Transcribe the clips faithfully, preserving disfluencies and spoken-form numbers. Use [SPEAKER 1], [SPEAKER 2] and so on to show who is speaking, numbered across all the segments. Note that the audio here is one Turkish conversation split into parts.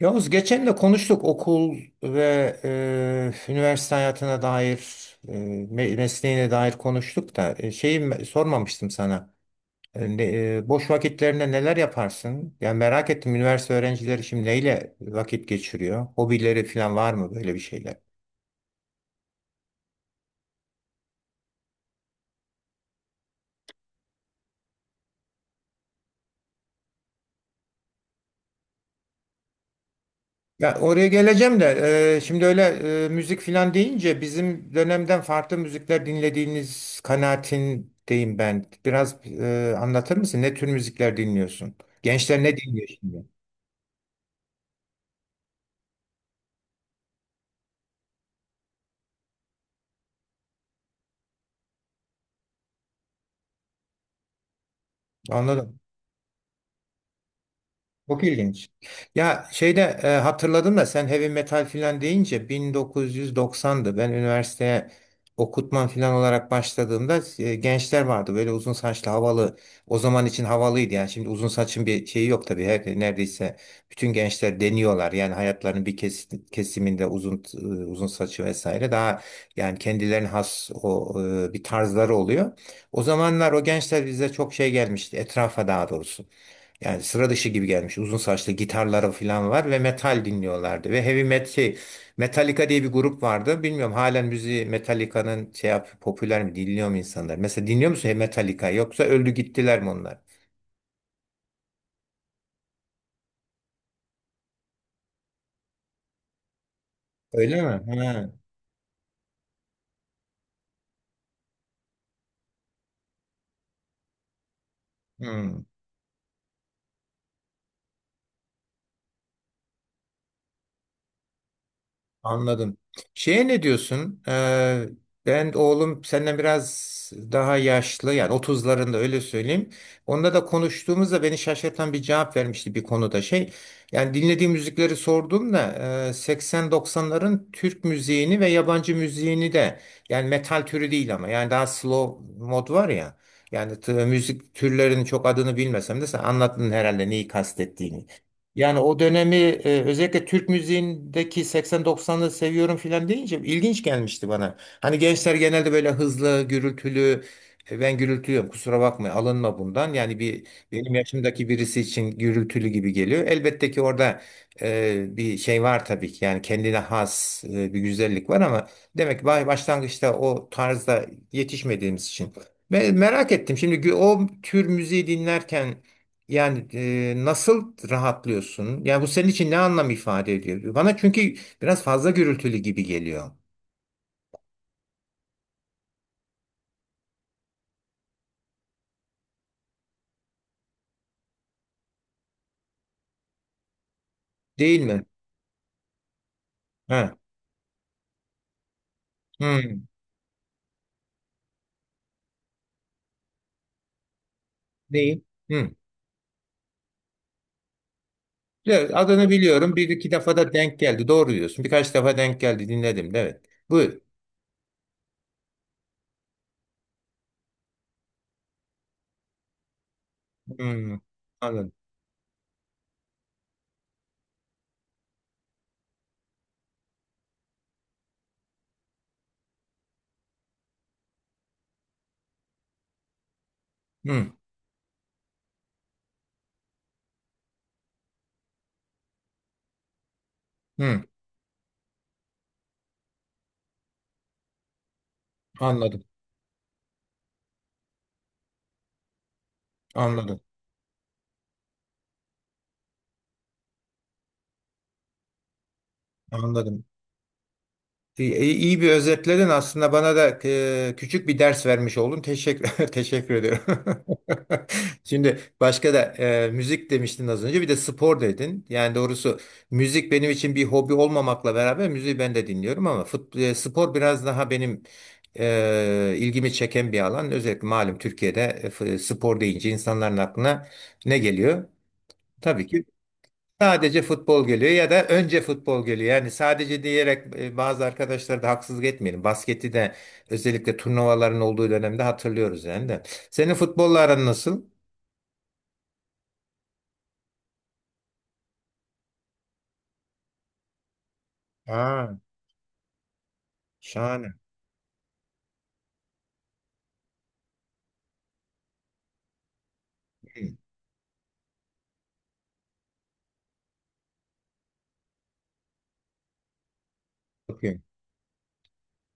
[SPEAKER 1] Yavuz, geçen de konuştuk okul ve e, üniversite hayatına dair, e, me- mesleğine dair konuştuk da e, şeyi me- sormamıştım sana. E, ne- e, Boş vakitlerinde neler yaparsın? Yani merak ettim, üniversite öğrencileri şimdi neyle vakit geçiriyor? Hobileri falan var mı, böyle bir şeyler? Ya oraya geleceğim de e, şimdi öyle e, müzik filan deyince bizim dönemden farklı müzikler dinlediğiniz kanaatindeyim ben. Biraz e, anlatır mısın? Ne tür müzikler dinliyorsun? Gençler ne dinliyor şimdi? Anladım. Çok ilginç. Ya şeyde e, hatırladım da sen heavy metal filan deyince bin dokuz yüz doksandı. Ben üniversiteye okutman filan olarak başladığımda e, gençler vardı. Böyle uzun saçlı, havalı. O zaman için havalıydı yani. Şimdi uzun saçın bir şeyi yok tabii. Her, neredeyse bütün gençler deniyorlar. Yani hayatlarının bir kes- kesiminde uzun e, uzun saçı vesaire. Daha yani kendilerine has o e, bir tarzları oluyor. O zamanlar o gençler bize çok şey gelmişti. Etrafa daha doğrusu. Yani sıra dışı gibi gelmiş. Uzun saçlı, gitarları falan var ve metal dinliyorlardı. Ve heavy metal şey, Metallica diye bir grup vardı. Bilmiyorum, halen müziği Metallica'nın şey yap, popüler mi, dinliyor mu insanlar? Mesela dinliyor musun Metallica, yoksa öldü gittiler mi onlar? Öyle mi? Ha. Hmm. Anladım. Şeye ne diyorsun? Ee, ben oğlum senden biraz daha yaşlı, yani otuzlarında, öyle söyleyeyim. Onda da konuştuğumuzda beni şaşırtan bir cevap vermişti bir konuda şey. Yani dinlediği müzikleri sorduğumda e, seksen doksanların Türk müziğini ve yabancı müziğini de, yani metal türü değil ama yani daha slow mod var ya. Yani t- müzik türlerinin çok adını bilmesem de sen anlattın herhalde neyi kastettiğini. Yani o dönemi e, özellikle Türk müziğindeki seksen doksanları seviyorum filan deyince ilginç gelmişti bana. Hani gençler genelde böyle hızlı, gürültülü, e, ben gürültülüyorum, kusura bakma, alınma bundan. Yani bir benim yaşımdaki birisi için gürültülü gibi geliyor. Elbette ki orada e, bir şey var tabii ki, yani kendine has e, bir güzellik var ama demek ki ba- başlangıçta o tarzda yetişmediğimiz için. Ben merak ettim, şimdi gü- o tür müziği dinlerken yani e, nasıl rahatlıyorsun? Yani bu senin için ne anlam ifade ediyor? Bana çünkü biraz fazla gürültülü gibi geliyor. Değil mi? Ha. Hmm. Değil. Hmm. Evet, adını biliyorum. Bir iki defa da denk geldi. Doğru diyorsun. Birkaç defa denk geldi. Dinledim. Evet. Buyur. Hmm. Anladım. Hmm. Hmm. Anladım. Anladım. Anladım. E, İyi bir özetledin aslında, bana da e, küçük bir ders vermiş oldun. Teşekkür teşekkür ediyorum. Şimdi başka da e, müzik demiştin az önce, bir de spor dedin. Yani doğrusu müzik benim için bir hobi olmamakla beraber müziği ben de dinliyorum ama fut, e, spor biraz daha benim e, ilgimi çeken bir alan. Özellikle malum Türkiye'de e, f- spor deyince insanların aklına ne geliyor? Tabii ki sadece futbol geliyor ya da önce futbol geliyor. Yani sadece diyerek e, bazı arkadaşlara da haksızlık etmeyelim. Basketi de özellikle turnuvaların olduğu dönemde hatırlıyoruz yani de. Senin futbolla aran nasıl? Ha. Şahane. Hı, çok iyi.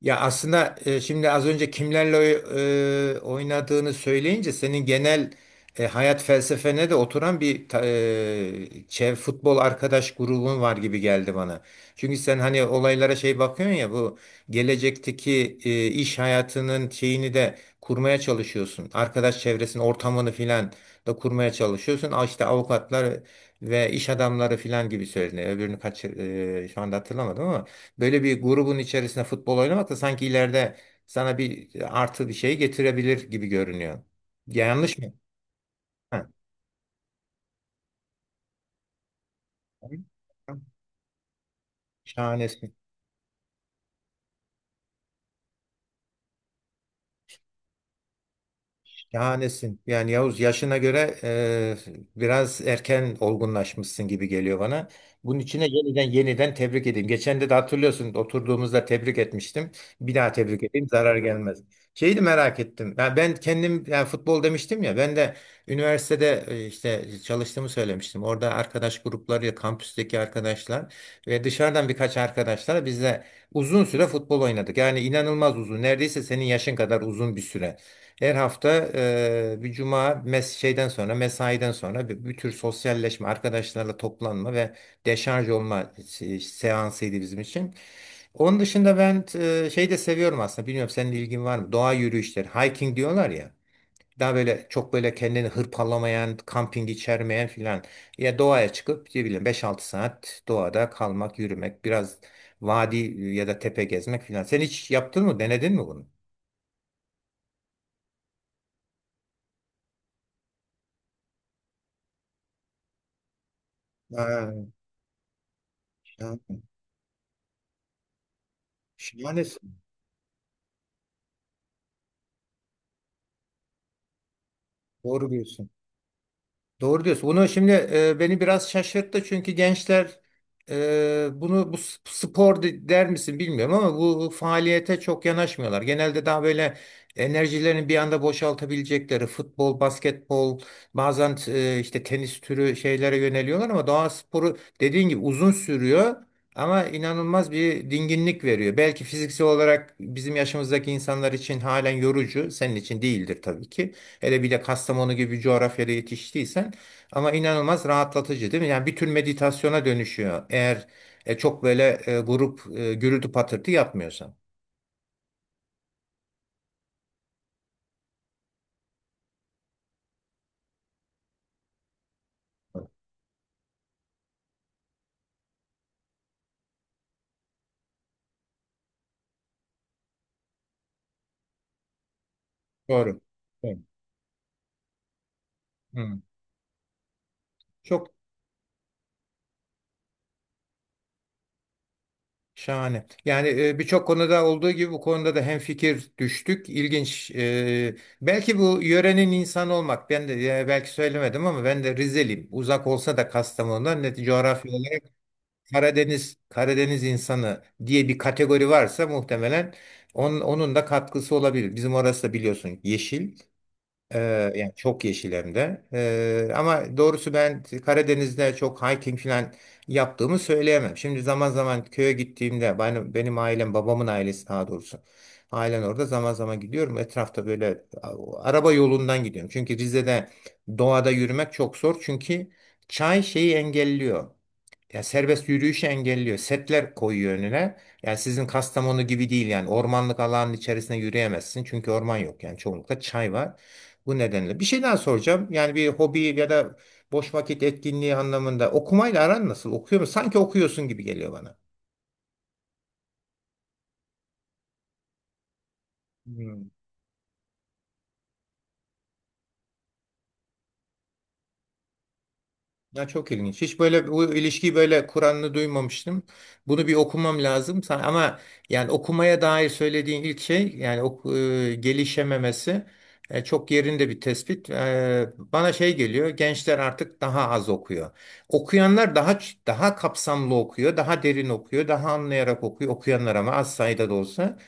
[SPEAKER 1] Ya aslında e, şimdi az önce kimlerle oy- e, oynadığını söyleyince senin genel e, hayat felsefene de oturan bir ta- e, çev futbol arkadaş grubun var gibi geldi bana. Çünkü sen hani olaylara şey bakıyorsun ya, bu gelecekteki e, iş hayatının şeyini de kurmaya çalışıyorsun. Arkadaş çevresinin ortamını filan da kurmaya çalışıyorsun. Aa, İşte avukatlar ve iş adamları filan gibi söyledin. Öbürünü kaç e, şu anda hatırlamadım ama. Böyle bir grubun içerisinde futbol oynamak da sanki ileride sana bir artı bir şey getirebilir gibi görünüyor. Yanlış mı? Ha. Şahanesin. Şahanesin. Yani Yavuz, yaşına göre e, biraz erken olgunlaşmışsın gibi geliyor bana. Bunun içine yeniden yeniden tebrik edeyim. Geçen de, de hatırlıyorsun oturduğumuzda tebrik etmiştim. Bir daha tebrik edeyim, zarar gelmez. Şeyi de merak ettim. Ya ben kendim, yani futbol demiştim ya, ben de üniversitede e, işte çalıştığımı söylemiştim. Orada arkadaş grupları, kampüsteki arkadaşlar ve dışarıdan birkaç arkadaşlar bizle uzun süre futbol oynadık. Yani inanılmaz uzun. Neredeyse senin yaşın kadar uzun bir süre. Her hafta eee, bir cuma mes şeyden sonra, mesaiden sonra bir, bir tür sosyalleşme, arkadaşlarla toplanma ve deşarj olma se- seansıydı bizim için. Onun dışında ben eee, şey de seviyorum aslında. Bilmiyorum senin ilgin var mı? Doğa yürüyüşleri, hiking diyorlar ya. Daha böyle çok böyle kendini hırpalamayan, kamping içermeyen filan. Ya doğaya çıkıp ne bileyim beş altı saat doğada kalmak, yürümek, biraz vadi ya da tepe gezmek filan. Sen hiç yaptın mı? Denedin mi bunu? Ha, ha. Şahane. Doğru diyorsun. Doğru diyorsun. Bunu şimdi e, beni biraz şaşırttı çünkü gençler e, bunu bu s- spor de- der misin bilmiyorum ama bu faaliyete çok yanaşmıyorlar. Genelde daha böyle enerjilerini bir anda boşaltabilecekleri futbol, basketbol, bazen e, işte tenis türü şeylere yöneliyorlar ama doğa sporu dediğin gibi uzun sürüyor ama inanılmaz bir dinginlik veriyor. Belki fiziksel olarak bizim yaşımızdaki insanlar için halen yorucu, senin için değildir tabii ki. Hele bir de Kastamonu gibi bir coğrafyada yetiştiysen ama inanılmaz rahatlatıcı değil mi? Yani bir tür meditasyona dönüşüyor. Eğer e, çok böyle e, grup e, gürültü patırtı yapmıyorsan. Doğru. Evet. Hı. Çok şahane. Yani e, birçok konuda olduğu gibi bu konuda da hemfikir düştük. İlginç. E, belki bu yörenin insanı olmak. Ben de e, belki söylemedim ama ben de Rizeliyim. Uzak olsa da Kastamonu'dan net coğrafya Karadeniz Karadeniz insanı diye bir kategori varsa muhtemelen onun, onun da katkısı olabilir. Bizim orası da biliyorsun yeşil. Ee, yani çok yeşil hem de. Ee, ama doğrusu ben Karadeniz'de çok hiking falan yaptığımı söyleyemem. Şimdi zaman zaman köye gittiğimde benim, benim ailem, babamın ailesi daha doğrusu. Ailen orada zaman zaman gidiyorum. Etrafta böyle a- araba yolundan gidiyorum. Çünkü Rize'de doğada yürümek çok zor. Çünkü çay şeyi engelliyor. Ya serbest yürüyüşü engelliyor. Setler koyuyor önüne. Yani sizin Kastamonu gibi değil, yani ormanlık alanın içerisine yürüyemezsin. Çünkü orman yok yani çoğunlukla çay var. Bu nedenle. Bir şey daha soracağım. Yani bir hobi ya da boş vakit etkinliği anlamında okumayla aran nasıl? Okuyor musun? Sanki okuyorsun gibi geliyor bana. Hmm. Ya çok ilginç. Hiç böyle bu ilişkiyi böyle Kur'an'ını duymamıştım. Bunu bir okumam lazım. Sa- Ama yani okumaya dair söylediğin ilk şey, yani ok- e, gelişememesi e, çok yerinde bir tespit. E, bana şey geliyor. Gençler artık daha az okuyor. Okuyanlar daha ç- daha kapsamlı okuyor, daha derin okuyor, daha anlayarak okuyor. Okuyanlar ama az sayıda da olsa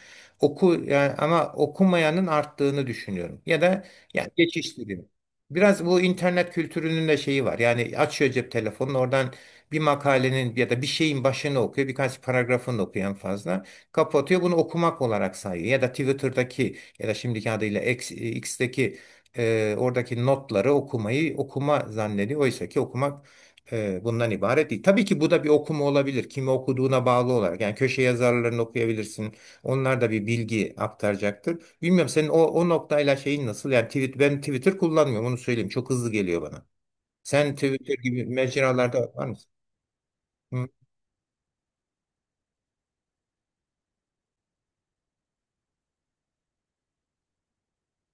[SPEAKER 1] oku, yani, ama okumayanın arttığını düşünüyorum. Ya da yani geçiştiriyor. Biraz bu internet kültürünün de şeyi var. Yani açıyor cep telefonunu, oradan bir makalenin ya da bir şeyin başını okuyor. Birkaç paragrafını okuyor en fazla. Kapatıyor, bunu okumak olarak sayıyor. Ya da Twitter'daki ya da şimdiki adıyla X, X'teki e, oradaki notları okumayı okuma zannediyor. Oysa ki okumak e, bundan ibaret değil. Tabii ki bu da bir okuma olabilir. Kimi okuduğuna bağlı olarak. Yani köşe yazarlarını okuyabilirsin. Onlar da bir bilgi aktaracaktır. Bilmiyorum senin o, o noktayla şeyin nasıl? Yani tweet, ben Twitter kullanmıyorum onu söyleyeyim. Çok hızlı geliyor bana. Sen Twitter gibi mecralarda var mısın? Hı,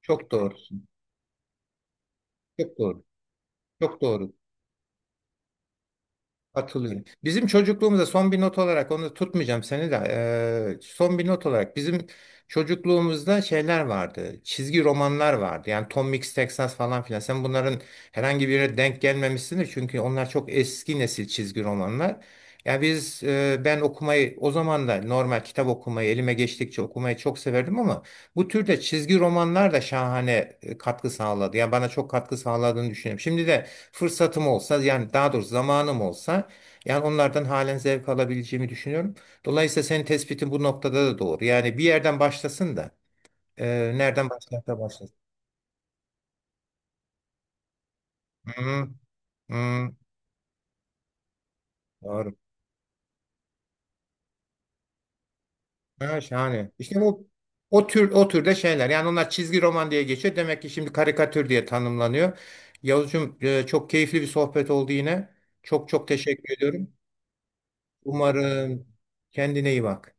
[SPEAKER 1] çok doğrusun. Çok doğru. Çok doğru. Katılıyorum. Bizim çocukluğumuzda son bir not olarak onu tutmayacağım seni de eee, son bir not olarak bizim çocukluğumuzda şeyler vardı. Çizgi romanlar vardı. Yani Tom Mix Texas falan filan. Sen bunların herhangi birine denk gelmemişsindir. Çünkü onlar çok eski nesil çizgi romanlar. Ya biz eee, ben okumayı o zaman da normal kitap okumayı elime geçtikçe okumayı çok severdim ama bu türde çizgi romanlar da şahane e, katkı sağladı. Yani bana çok katkı sağladığını düşünüyorum. Şimdi de fırsatım olsa yani daha doğrusu zamanım olsa yani onlardan halen zevk alabileceğimi düşünüyorum. Dolayısıyla senin tespitin bu noktada da doğru. Yani bir yerden başlasın da e, nereden başlarsa başlasın. Hı, hı, doğru. Ha, şahane. İşte bu o tür o türde şeyler. Yani onlar çizgi roman diye geçiyor. Demek ki şimdi karikatür diye tanımlanıyor. Yavuzcum, e, çok keyifli bir sohbet oldu yine. Çok çok teşekkür ediyorum. Umarım kendine iyi bak.